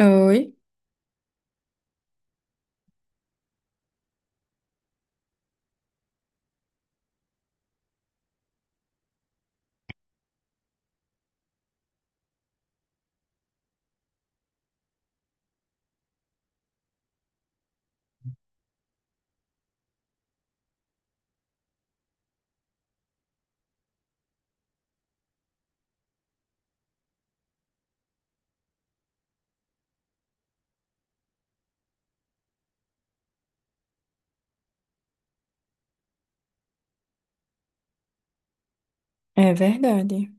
Oi, é verdade.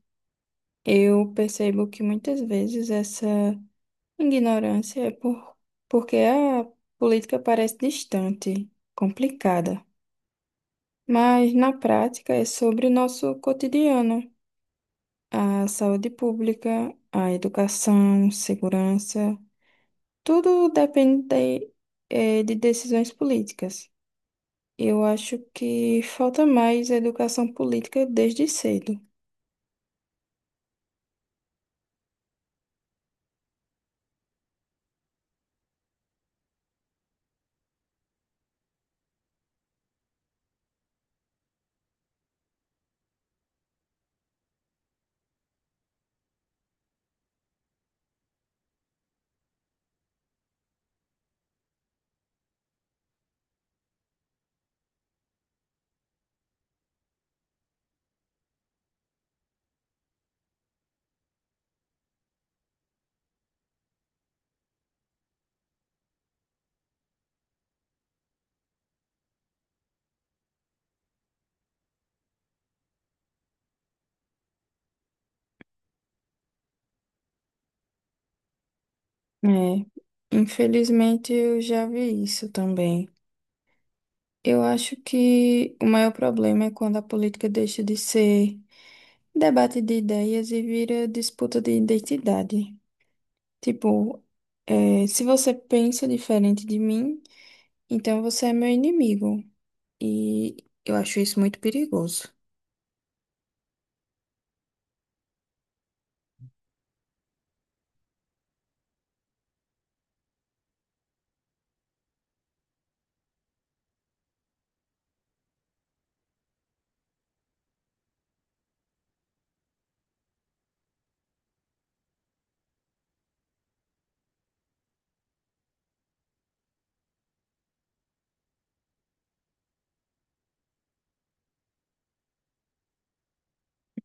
Eu percebo que muitas vezes essa ignorância é porque a política parece distante, complicada, mas na prática é sobre o nosso cotidiano, a saúde pública, a educação, segurança, tudo depende de decisões políticas. Eu acho que falta mais educação política desde cedo. É, infelizmente eu já vi isso também. Eu acho que o maior problema é quando a política deixa de ser debate de ideias e vira disputa de identidade. Tipo, é, se você pensa diferente de mim, então você é meu inimigo. E eu acho isso muito perigoso.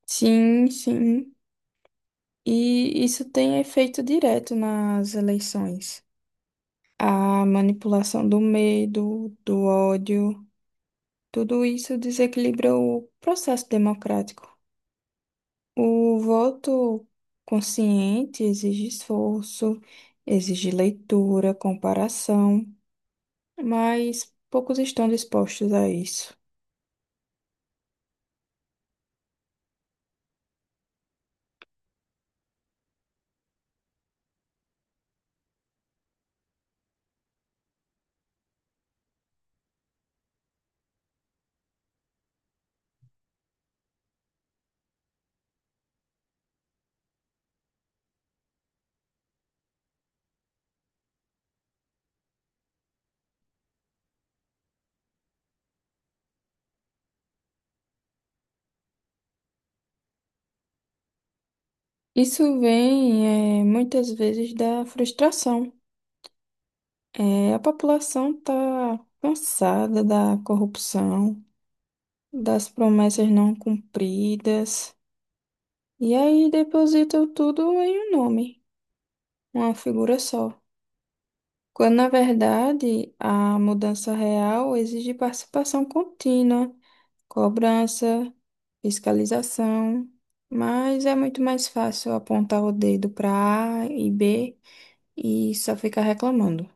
Sim, sim. E isso tem efeito direto nas eleições. A manipulação do medo, do ódio. Tudo isso desequilibra o processo democrático. O voto consciente exige esforço, exige leitura, comparação, mas poucos estão dispostos a isso. Isso vem, muitas vezes da frustração. A população está cansada da corrupção, das promessas não cumpridas, e aí depositam tudo em um nome, uma figura só. Quando, na verdade, a mudança real exige participação contínua, cobrança, fiscalização, mas é muito mais fácil apontar o dedo para A e B e só ficar reclamando.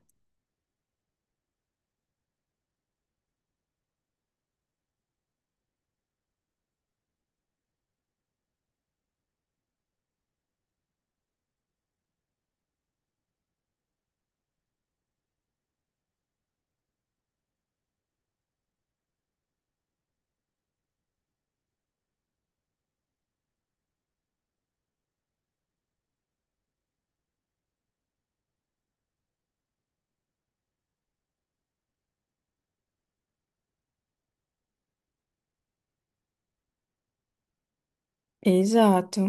Exato.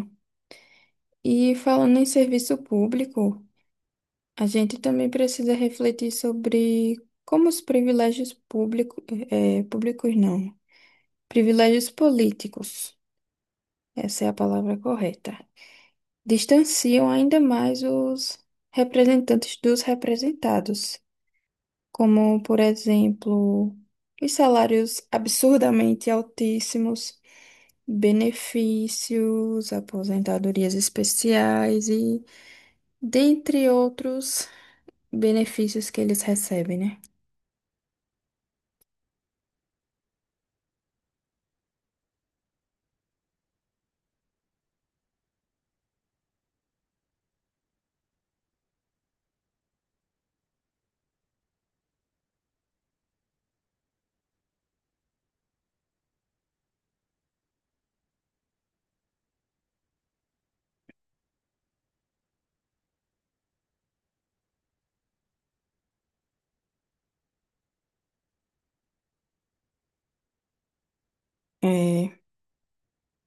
E falando em serviço público, a gente também precisa refletir sobre como os privilégios públicos, públicos não, privilégios políticos, essa é a palavra correta, distanciam ainda mais os representantes dos representados, como, por exemplo, os salários absurdamente altíssimos, benefícios, aposentadorias especiais e dentre outros benefícios que eles recebem, né? É.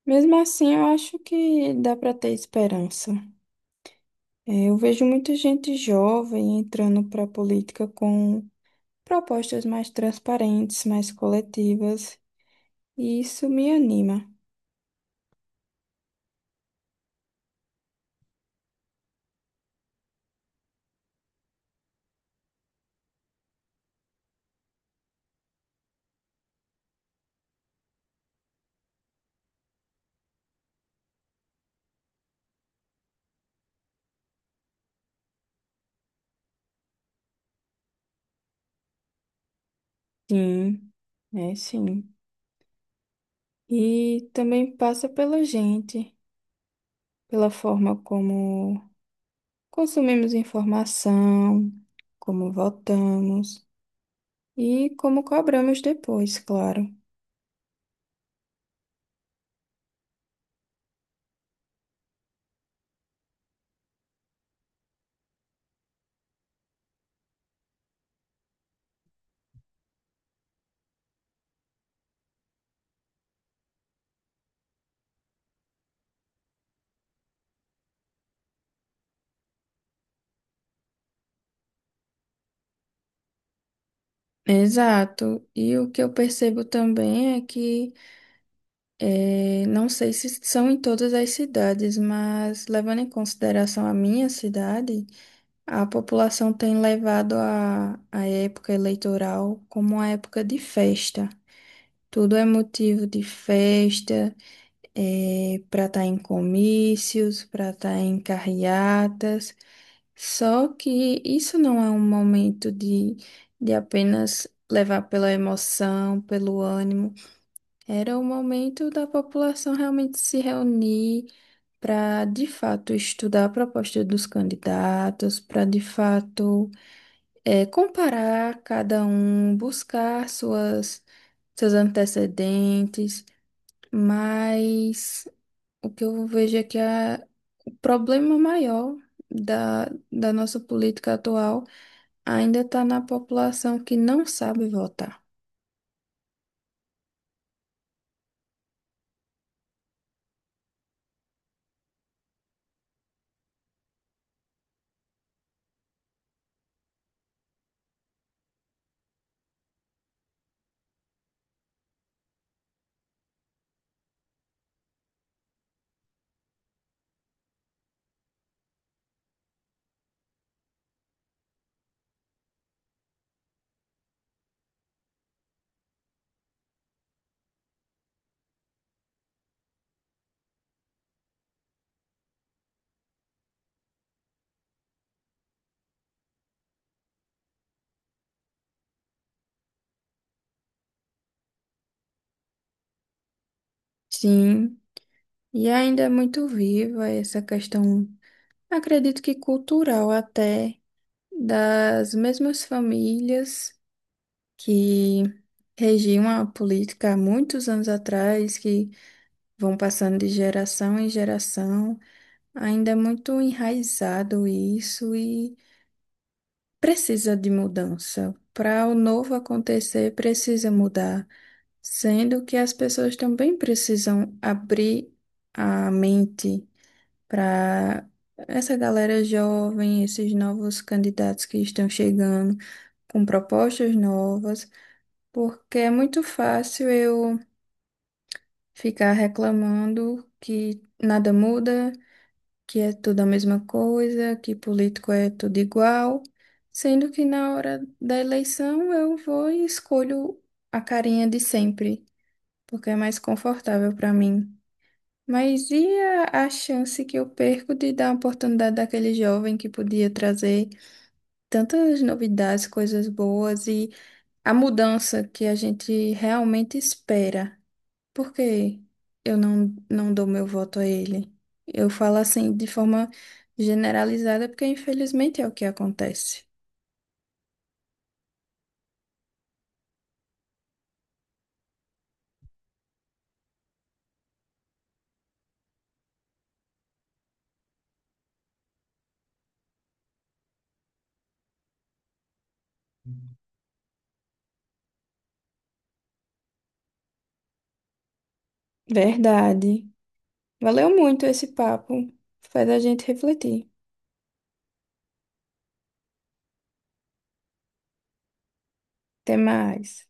Mesmo assim, eu acho que dá para ter esperança. É, eu vejo muita gente jovem entrando para a política com propostas mais transparentes, mais coletivas, e isso me anima. Sim, é sim. E também passa pela gente, pela forma como consumimos informação, como votamos e como cobramos depois, claro. Exato. E o que eu percebo também é que, não sei se são em todas as cidades, mas levando em consideração a minha cidade, a população tem levado a época eleitoral como uma época de festa. Tudo é motivo de festa, para estar em comícios, para estar em carreatas. Só que isso não é um momento de apenas levar pela emoção, pelo ânimo. Era o momento da população realmente se reunir para, de fato, estudar a proposta dos candidatos, para, de fato, comparar cada um, buscar suas, seus antecedentes, mas o que eu vejo é que o problema maior da, da nossa política atual ainda está na população que não sabe votar. Sim, e ainda é muito viva essa questão, acredito que cultural até, das mesmas famílias que regiam a política há muitos anos atrás, que vão passando de geração em geração. Ainda é muito enraizado isso e precisa de mudança. Para o novo acontecer, precisa mudar, sendo que as pessoas também precisam abrir a mente para essa galera jovem, esses novos candidatos que estão chegando com propostas novas. Porque é muito fácil eu ficar reclamando que nada muda, que é tudo a mesma coisa, que político é tudo igual, sendo que na hora da eleição eu vou e escolho a carinha de sempre, porque é mais confortável para mim. Mas e a chance que eu perco de dar a oportunidade daquele jovem que podia trazer tantas novidades, coisas boas e a mudança que a gente realmente espera? Por que eu não dou meu voto a ele? Eu falo assim de forma generalizada, porque infelizmente é o que acontece. Verdade. Valeu muito esse papo. Faz a gente refletir. Até mais.